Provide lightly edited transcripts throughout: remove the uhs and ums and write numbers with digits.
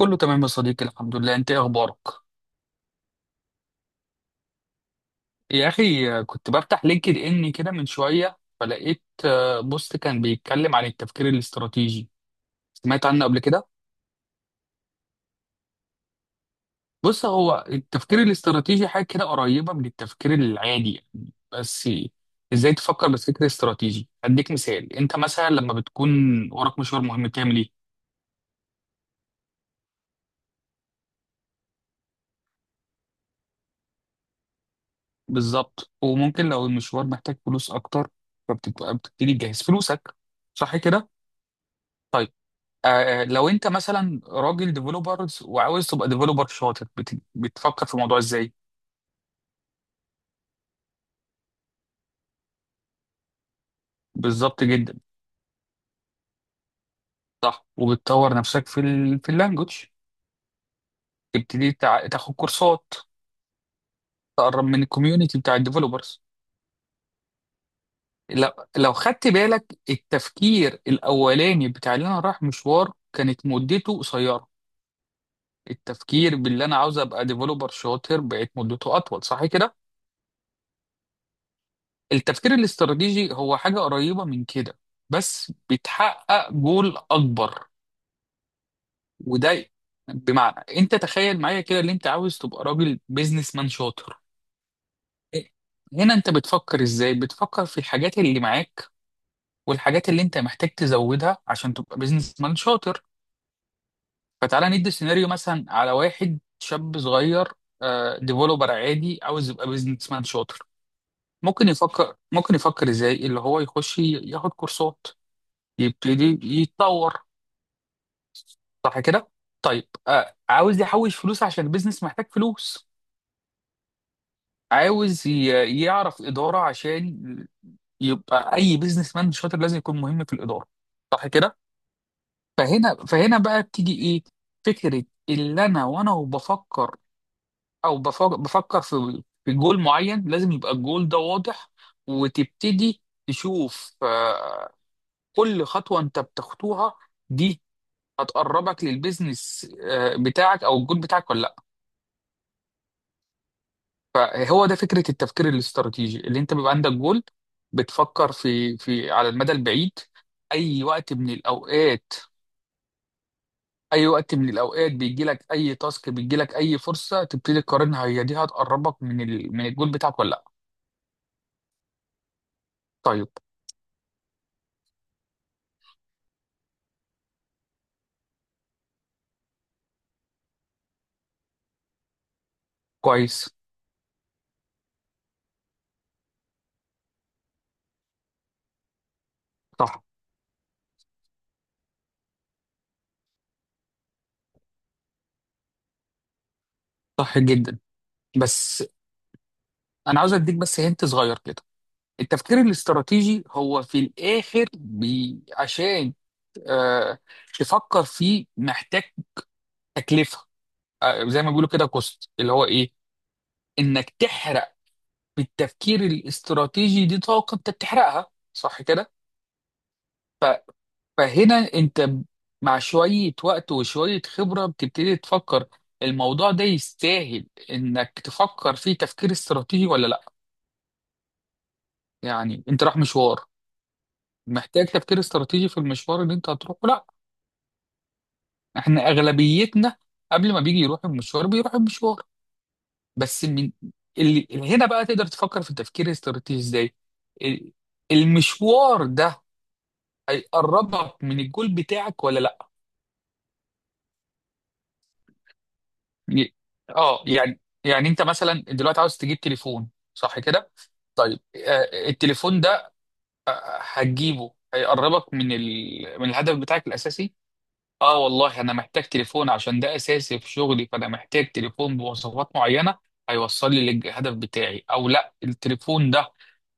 كله تمام يا صديقي، الحمد لله. انت ايه اخبارك؟ يا اخي، كنت بفتح لينكد ان كده من شويه فلقيت بوست كان بيتكلم عن التفكير الاستراتيجي. سمعت عنه قبل كده؟ بص، هو التفكير الاستراتيجي حاجه كده قريبه من التفكير العادي يعني. بس ازاي تفكر بفكر استراتيجي؟ اديك مثال. انت مثلا لما بتكون وراك مشوار مهم بتعمل ايه؟ بالظبط. وممكن لو المشوار محتاج فلوس اكتر، فبتبقى بتبتدي تجهز فلوسك. صح كده؟ طيب. آه، لو انت مثلا راجل ديفلوبرز وعاوز تبقى ديفلوبر شاطر بتفكر في الموضوع ازاي؟ بالظبط جدا. صح، وبتطور نفسك في في اللانجوج، تبتدي تاخد كورسات، تقرب من الكوميونتي بتاع الديفلوبرز. لو... لو خدت بالك، التفكير الاولاني بتاع اللي انا رايح مشوار كانت مدته قصيره، التفكير باللي انا عاوز ابقى ديفلوبر شاطر بقت مدته اطول. صح كده؟ التفكير الاستراتيجي هو حاجة قريبة من كده، بس بتحقق جول أكبر. وده بمعنى، أنت تخيل معايا كده اللي أنت عاوز تبقى راجل بيزنس مان شاطر. هنا أنت بتفكر إزاي؟ بتفكر في الحاجات اللي معاك والحاجات اللي أنت محتاج تزودها عشان تبقى بيزنس مان شاطر. فتعالى ندي سيناريو مثلا على واحد شاب صغير ديفلوبر عادي عاوز يبقى بيزنس مان شاطر. ممكن يفكر إزاي؟ اللي هو يخش ياخد كورسات، يبتدي يتطور. صح كده؟ طيب، آه، عاوز يحوش فلوس عشان البيزنس محتاج فلوس. عاوز يعرف إدارة، عشان يبقى أي بيزنس مان شاطر لازم يكون مهم في الإدارة. صح كده؟ فهنا بقى بتيجي إيه؟ فكرة. اللي أنا وبفكر بفكر في جول معين، لازم يبقى الجول ده واضح. وتبتدي تشوف، كل خطوة أنت بتخطوها دي هتقربك للبيزنس بتاعك او الجول بتاعك ولا لا. فهو ده فكره التفكير الاستراتيجي، اللي انت بيبقى عندك جول، بتفكر في على المدى البعيد. اي وقت من الاوقات اي وقت من الاوقات بيجي لك اي تاسك، بيجي لك اي فرصه، تبتدي تقارنها، هي دي هتقربك من من الجول بتاعك ولا لا. طيب. كويس. صح صح جدا. بس انا عاوز اديك بس هنت صغير كده. التفكير الاستراتيجي هو في الاخر عشان آه، تفكر فيه محتاج تكلفه، زي ما بيقولوا كده كوست. اللي هو ايه؟ انك تحرق. بالتفكير الاستراتيجي دي طاقه انت بتحرقها. صح كده؟ ف- فهنا انت مع شويه وقت وشويه خبره بتبتدي تفكر الموضوع ده يستاهل انك تفكر فيه تفكير استراتيجي ولا لا. يعني انت رايح مشوار محتاج تفكير استراتيجي في المشوار اللي انت هتروحه؟ لا. احنا اغلبيتنا قبل ما بيجي يروح المشوار بيروح المشوار. بس، من اللي هنا بقى تقدر تفكر في التفكير الاستراتيجي ازاي ال- المشوار ده هيقربك من الجول بتاعك ولا لا. ي- اه، يعني، انت مثلا دلوقتي عاوز تجيب تليفون. صح كده؟ طيب، التليفون ده هتجيبه هيقربك من من الهدف بتاعك الاساسي؟ اه والله، انا محتاج تليفون عشان ده اساسي في شغلي، فانا محتاج تليفون بمواصفات معينة هيوصل لي للهدف بتاعي او لا. التليفون ده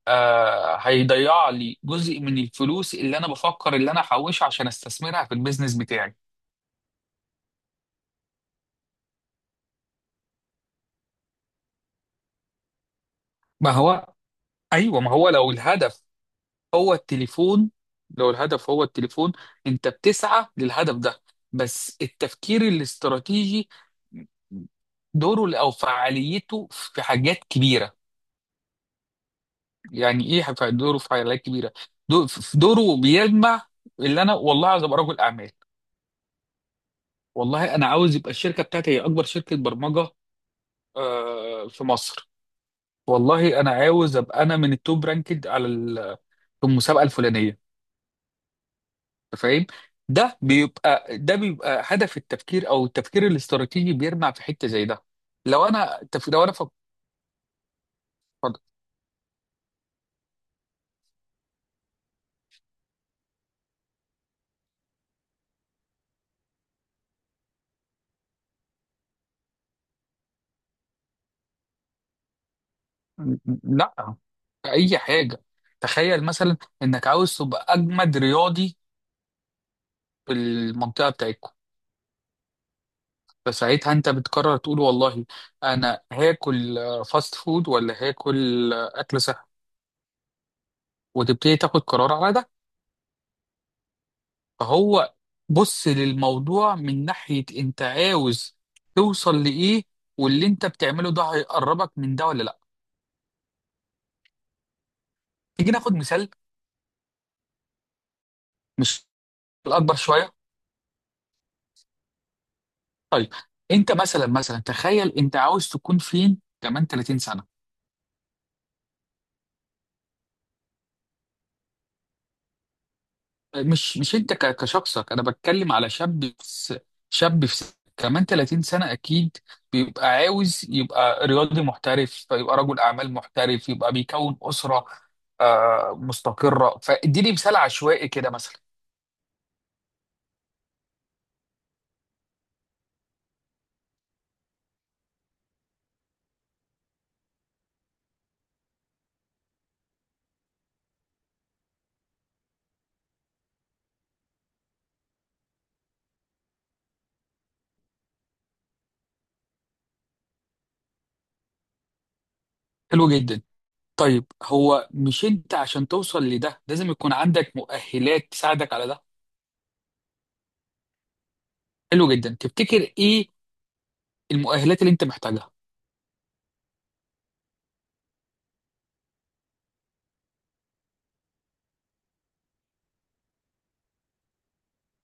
هيضيع لي جزء من الفلوس اللي انا بفكر اللي انا احوشها عشان استثمرها في البيزنس بتاعي. ما هو، ايوه. ما هو لو الهدف هو التليفون لو الهدف هو التليفون، انت بتسعى للهدف ده. بس التفكير الاستراتيجي دوره او فعاليته في حاجات كبيره. يعني ايه دوره في حاجات كبيره؟ دو- في دوره بيجمع، اللي انا والله عايز ابقى رجل اعمال، والله انا عاوز يبقى الشركه بتاعتي هي اكبر شركه برمجه في مصر، والله انا عاوز ابقى انا من التوب رانكد على في المسابقه الفلانيه. أنت فاهم؟ ده بيبقى هدف التفكير او التفكير الاستراتيجي، بيرمع في حته زي ده. لو انا تف... لو انا فك... لا، في اي حاجه. تخيل مثلا انك عاوز تبقى اجمد رياضي في المنطقه بتاعتكم. فساعتها انت بتقرر تقول والله انا هاكل فاست فود ولا هاكل اكل صحي، وتبتدي تاخد قرار على ده. فهو بص للموضوع من ناحية انت عاوز توصل لإيه، واللي انت بتعمله ده هيقربك من ده ولا لا. تيجي ناخد مثال مش الأكبر شوية. طيب، انت مثلا تخيل، انت عاوز تكون فين كمان 30 سنة؟ مش انت كشخصك، انا بتكلم على شاب كمان 30 سنة اكيد بيبقى عاوز يبقى رياضي محترف، يبقى رجل اعمال محترف، يبقى بيكون اسرة مستقرة. فاديني مثال عشوائي كده مثلا. حلو جدا. طيب، هو مش انت عشان توصل لده لازم يكون عندك مؤهلات تساعدك على ده؟ حلو جدا. تفتكر ايه المؤهلات اللي انت محتاجها؟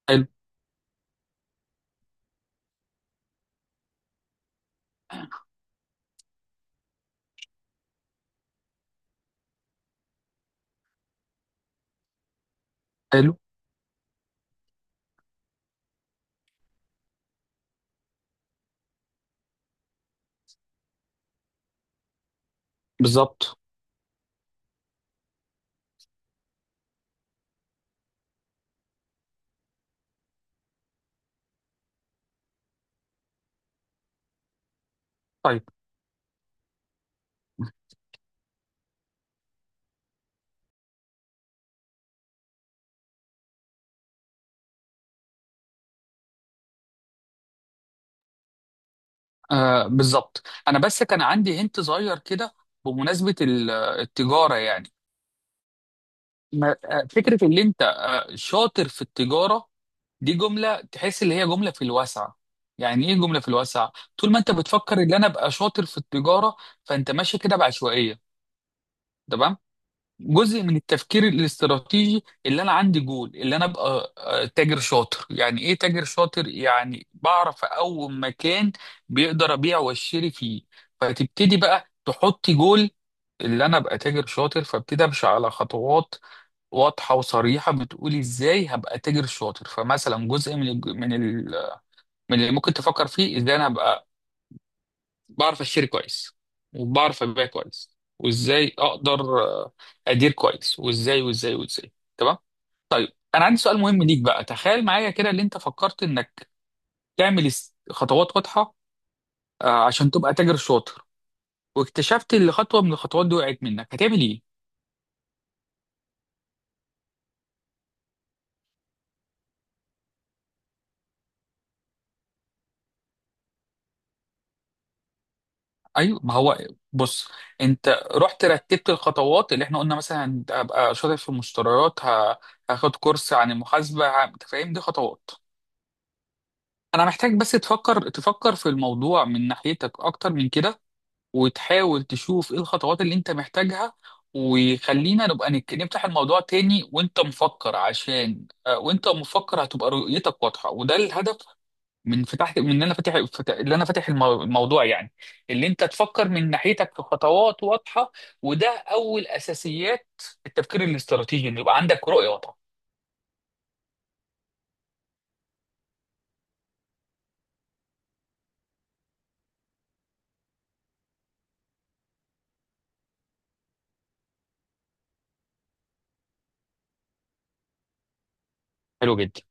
حلو، حلو. بالظبط. طيب، آه، بالظبط، انا بس كان عندي هنت صغير كده بمناسبه التجاره يعني. فكره ان انت شاطر في التجاره، دي جمله تحس اللي هي جمله في الواسع. يعني ايه جمله في الواسع؟ طول ما انت بتفكر ان انا ابقى شاطر في التجاره، فانت ماشي كده بعشوائيه. تمام. جزء من التفكير الاستراتيجي اللي انا عندي جول اللي انا ابقى تاجر شاطر. يعني ايه تاجر شاطر؟ يعني بعرف اقوم مكان بيقدر ابيع واشتري فيه. فتبتدي بقى تحطي جول اللي انا ابقى تاجر شاطر، فابتدي امشي على خطوات واضحه وصريحه بتقولي ازاي هبقى تاجر شاطر. فمثلا جزء من اللي ممكن تفكر فيه ازاي انا هبقى بعرف اشتري كويس وبعرف ابيع كويس، وازاي اقدر ادير كويس، وازاي وازاي وازاي. تمام. طيب، انا عندي سؤال مهم ليك بقى. تخيل معايا كده، اللي انت فكرت انك تعمل خطوات واضحه عشان تبقى تاجر شاطر، واكتشفت ان خطوه من الخطوات دي وقعت منك، هتعمل ايه؟ ايوه، ما هو. بص، انت رحت رتبت الخطوات اللي احنا قلنا مثلا ابقى شاطر في المشتريات، هاخد كورس عن المحاسبه، انت فاهم، دي خطوات. انا محتاج بس تفكر في الموضوع من ناحيتك اكتر من كده، وتحاول تشوف ايه الخطوات اللي انت محتاجها. وخلينا نبقى نفتح الموضوع تاني وانت مفكر، عشان وانت مفكر هتبقى رؤيتك واضحة. وده الهدف من فتح من ان انا فاتح اللي انا فاتح الموضوع يعني. اللي انت تفكر من ناحيتك في خطوات واضحة. وده اول اساسيات التفكير الاستراتيجي، ان يبقى عندك رؤية واضحة. حلو جدا.